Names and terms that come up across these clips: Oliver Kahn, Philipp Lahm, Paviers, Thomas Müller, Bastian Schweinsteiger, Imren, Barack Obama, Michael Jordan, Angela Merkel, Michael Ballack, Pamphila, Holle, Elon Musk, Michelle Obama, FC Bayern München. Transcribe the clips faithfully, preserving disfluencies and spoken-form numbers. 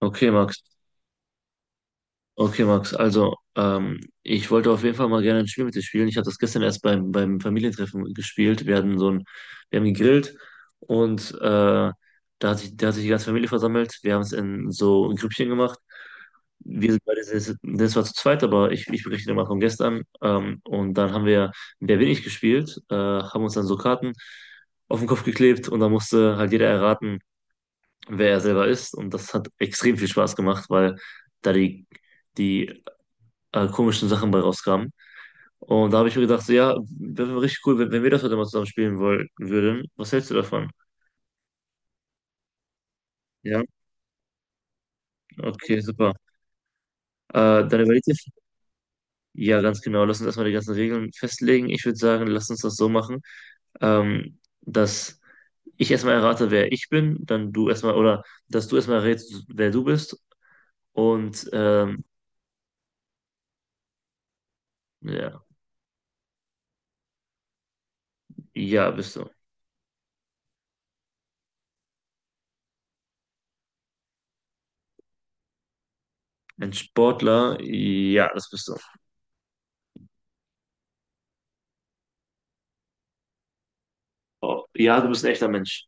Okay, Max. Okay, Max. Also, ähm, ich wollte auf jeden Fall mal gerne ein Spiel mit dir spielen. Ich habe das gestern erst beim, beim Familientreffen gespielt. Wir hatten so ein, wir haben gegrillt und äh, da hat sich, da hat sich die ganze Familie versammelt. Wir haben es in so ein Grüppchen gemacht. Wir sind beide, sehr- das war zu zweit, aber ich, ich berichte dir mal von gestern. Ähm, und dann haben wir Wer bin ich gespielt, äh, haben uns dann so Karten auf den Kopf geklebt und dann musste halt jeder erraten, wer er selber ist. Und das hat extrem viel Spaß gemacht, weil da die, die äh, komischen Sachen bei rauskamen. Und da habe ich mir gedacht, so, ja, das wäre richtig cool, wenn, wenn wir das heute mal zusammen spielen wollen, würden. Was hältst du davon? Ja, okay, super. Äh, dann überleg dir, ja, ganz genau, lass uns erstmal die ganzen Regeln festlegen. Ich würde sagen, lass uns das so machen, ähm, dass ich erstmal errate, wer ich bin, dann du erstmal, oder dass du erstmal errätst, wer du bist. Und ähm, ja, ja, bist du. Ein Sportler? Ja, das bist du. Oh, ja, du bist ein echter Mensch.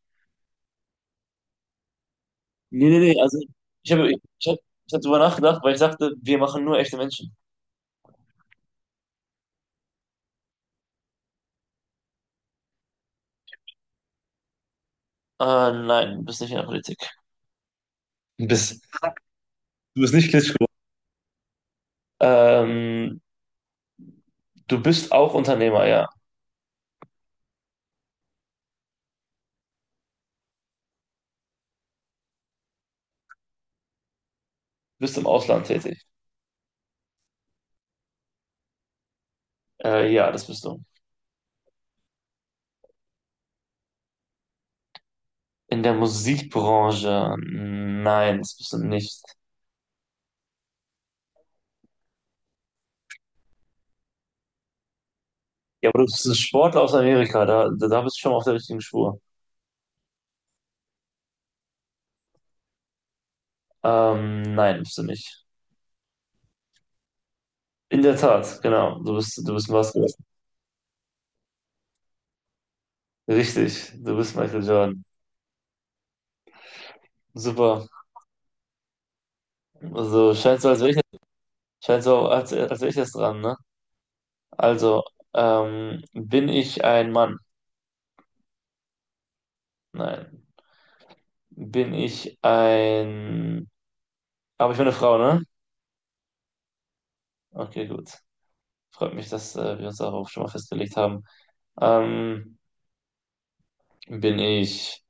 Nee, nee, nee, also ich habe ich hab, ich hab drüber nachgedacht, weil ich dachte, wir machen nur echte Menschen. Ah, nein, du bist nicht in der Politik. Du bist, du bist nicht Klitschko. Ähm, du bist auch Unternehmer, ja. Du bist im Ausland tätig. Äh, ja, das bist du. In der Musikbranche? Nein, das bist du nicht. Ja, aber du bist ein Sportler aus Amerika, da, da, da bist du schon mal auf der richtigen Spur. Ähm, nein, bist du nicht. In der Tat, genau. Du bist, du bist ein Basketballer. Richtig, du bist Michael Jordan. Super. Also scheint so, als wäre ich, Scheint so, als, als wäre ich jetzt dran, ne? Also, ähm, bin ich ein Mann? Nein. Bin ich ein... Aber ich bin eine Frau, ne? Okay, gut. Freut mich, dass äh, wir uns darauf schon mal festgelegt haben. Ähm, bin ich...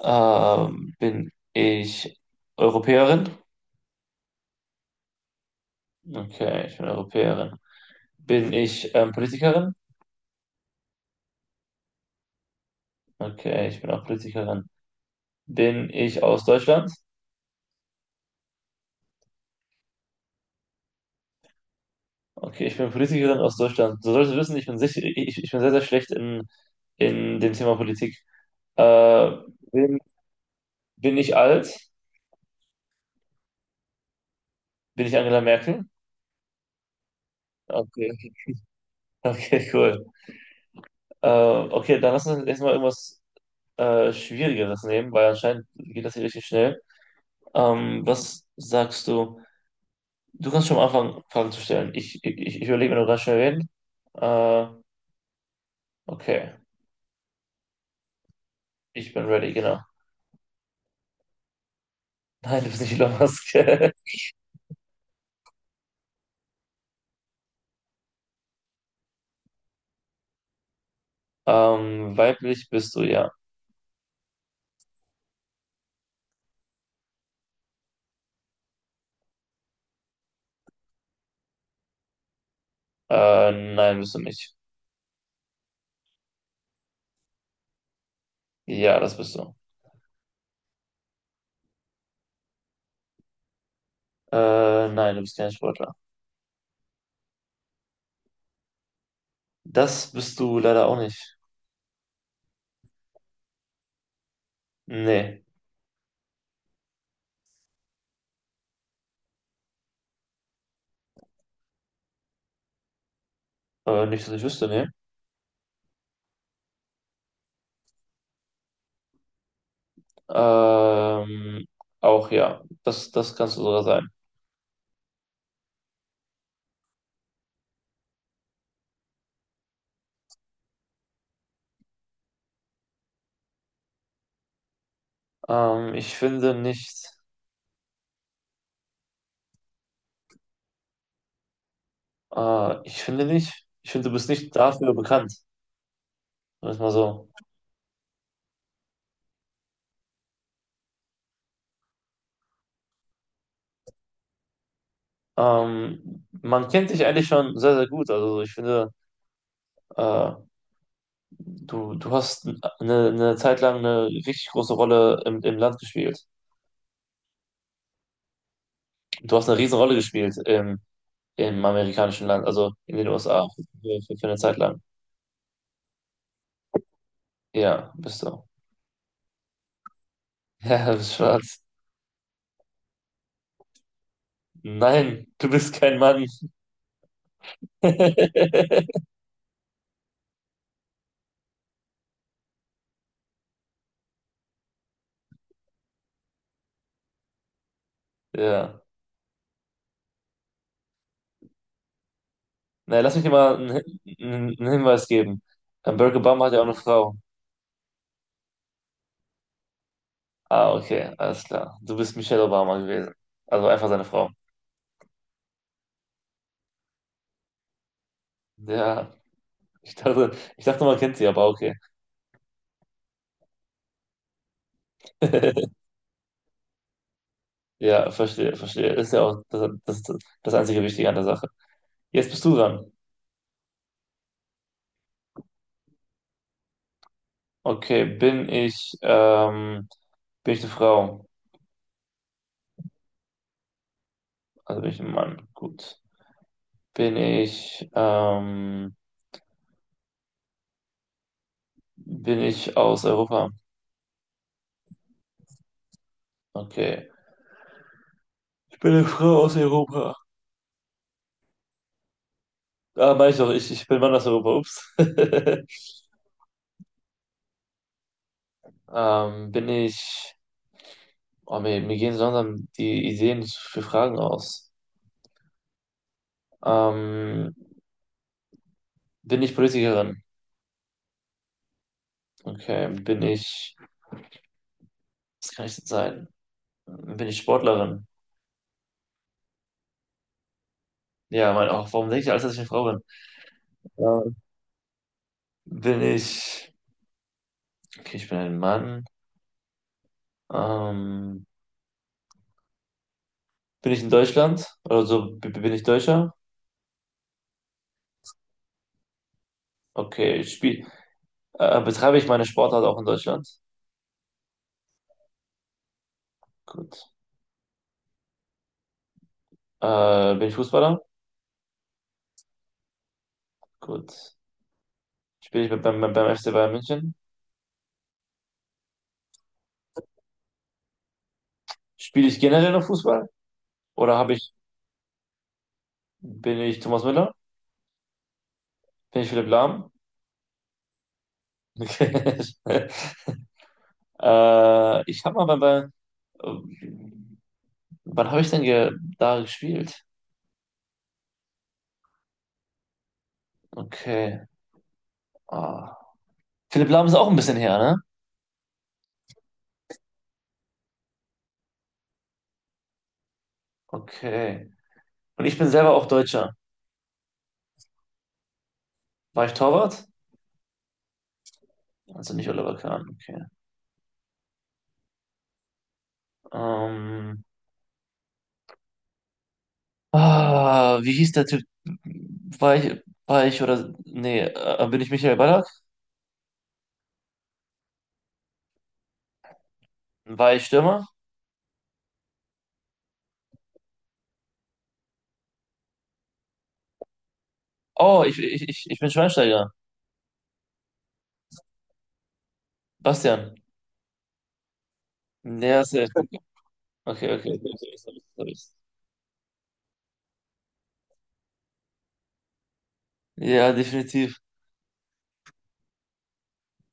Ähm, bin ich Europäerin? Okay, ich bin Europäerin. Bin ich ähm, Politikerin? Okay, ich bin auch Politikerin. Bin ich aus Deutschland? Okay, ich bin Politikerin aus Deutschland. Du solltest wissen, ich bin, sich, ich, ich bin sehr, sehr schlecht in, in dem Thema Politik. Äh, bin, bin ich alt? Bin ich Angela Merkel? Okay, okay, cool. Äh, okay, dann lass uns jetzt mal irgendwas äh, Schwierigeres nehmen, weil anscheinend geht das hier richtig schnell. Ähm, was sagst du? Du kannst schon am Anfang Fragen zu stellen. Ich, ich, ich überlege mir noch ganz schnell reden. Äh, okay, ich bin ready, genau. Nein, du bist nicht Elon Musk. Ähm, weiblich bist du, ja. Äh, nein, bist du nicht. Ja, das bist du. Äh, nein, du bist kein Sportler. Das bist du leider auch nicht. Nee, äh, nicht, dass ich wüsste, nee. Ähm, Auch ja, das, das kannst du sogar sein. Ähm, ich finde nicht, äh, Ich finde nicht, ich finde, du bist nicht dafür bekannt, sagen wir es mal so. Ähm, man kennt dich eigentlich schon sehr, sehr gut. Also ich finde, äh, du, du hast eine, eine Zeit lang eine richtig große Rolle im, im Land gespielt. Du hast eine riesen Rolle gespielt im Im amerikanischen Land, also in den U S A, für, für, für eine Zeit lang. Ja, bist du. Ja, du bist schwarz. Nein, du bist kein Mann. Ja. Na, lass mich dir mal einen, einen einen Hinweis geben. Ähm, Barack Obama hat ja auch eine Frau. Ah, okay, alles klar. Du bist Michelle Obama gewesen. Also einfach seine Frau. Ja, ich dachte, ich dachte, man kennt sie, aber okay. Ja, verstehe, verstehe. Ist ja auch das, das, das einzige Wichtige an der Sache. Jetzt bist du dran. Okay, bin ich ähm, Bin ich eine Frau? Also bin ich ein Mann. Gut. Bin ich, ähm, bin ich aus Europa? Okay. Ich bin eine Frau aus Europa. Ah, meine ich doch, ich, ich bin Mann aus Europa. Ups. Ähm, bin ich, oh, mir, mir gehen so langsam die Ideen für Fragen aus. Ähm, Bin ich Politikerin? Okay. Bin ich, was kann ich denn sein? Bin ich Sportlerin? Ja, mein, auch, warum denke ich alles, dass ich eine Frau bin? Ähm, bin ich, okay, ich bin ein Mann. Ähm, Bin ich in Deutschland? Also b- bin ich Deutscher? Okay, ich spiel, äh, betreibe ich meine Sportart auch in Deutschland? Gut. Äh, bin ich Fußballer? Gut. Spiele ich beim, beim, beim F C Bayern München? Spiele ich generell noch Fußball? Oder habe ich, bin ich Thomas Müller? Bin ich Philipp Lahm? Okay. Äh, ich habe mal bei, bei wann habe ich denn ge da gespielt? Okay. Ah. Philipp Lahm ist auch ein bisschen her, ne? Okay. Und ich bin selber auch Deutscher. War ich Torwart? Also nicht Oliver Kahn. Okay. Ähm, Ah, wie hieß der Typ? War ich? War ich oder. Nee, äh, bin ich Michael Ballack? War ich Stürmer? Oh, ich, ich, ich, ich bin Schweinsteiger. Bastian. Ja, safe. Okay, okay. okay, okay, sorry, sorry. Ja, definitiv.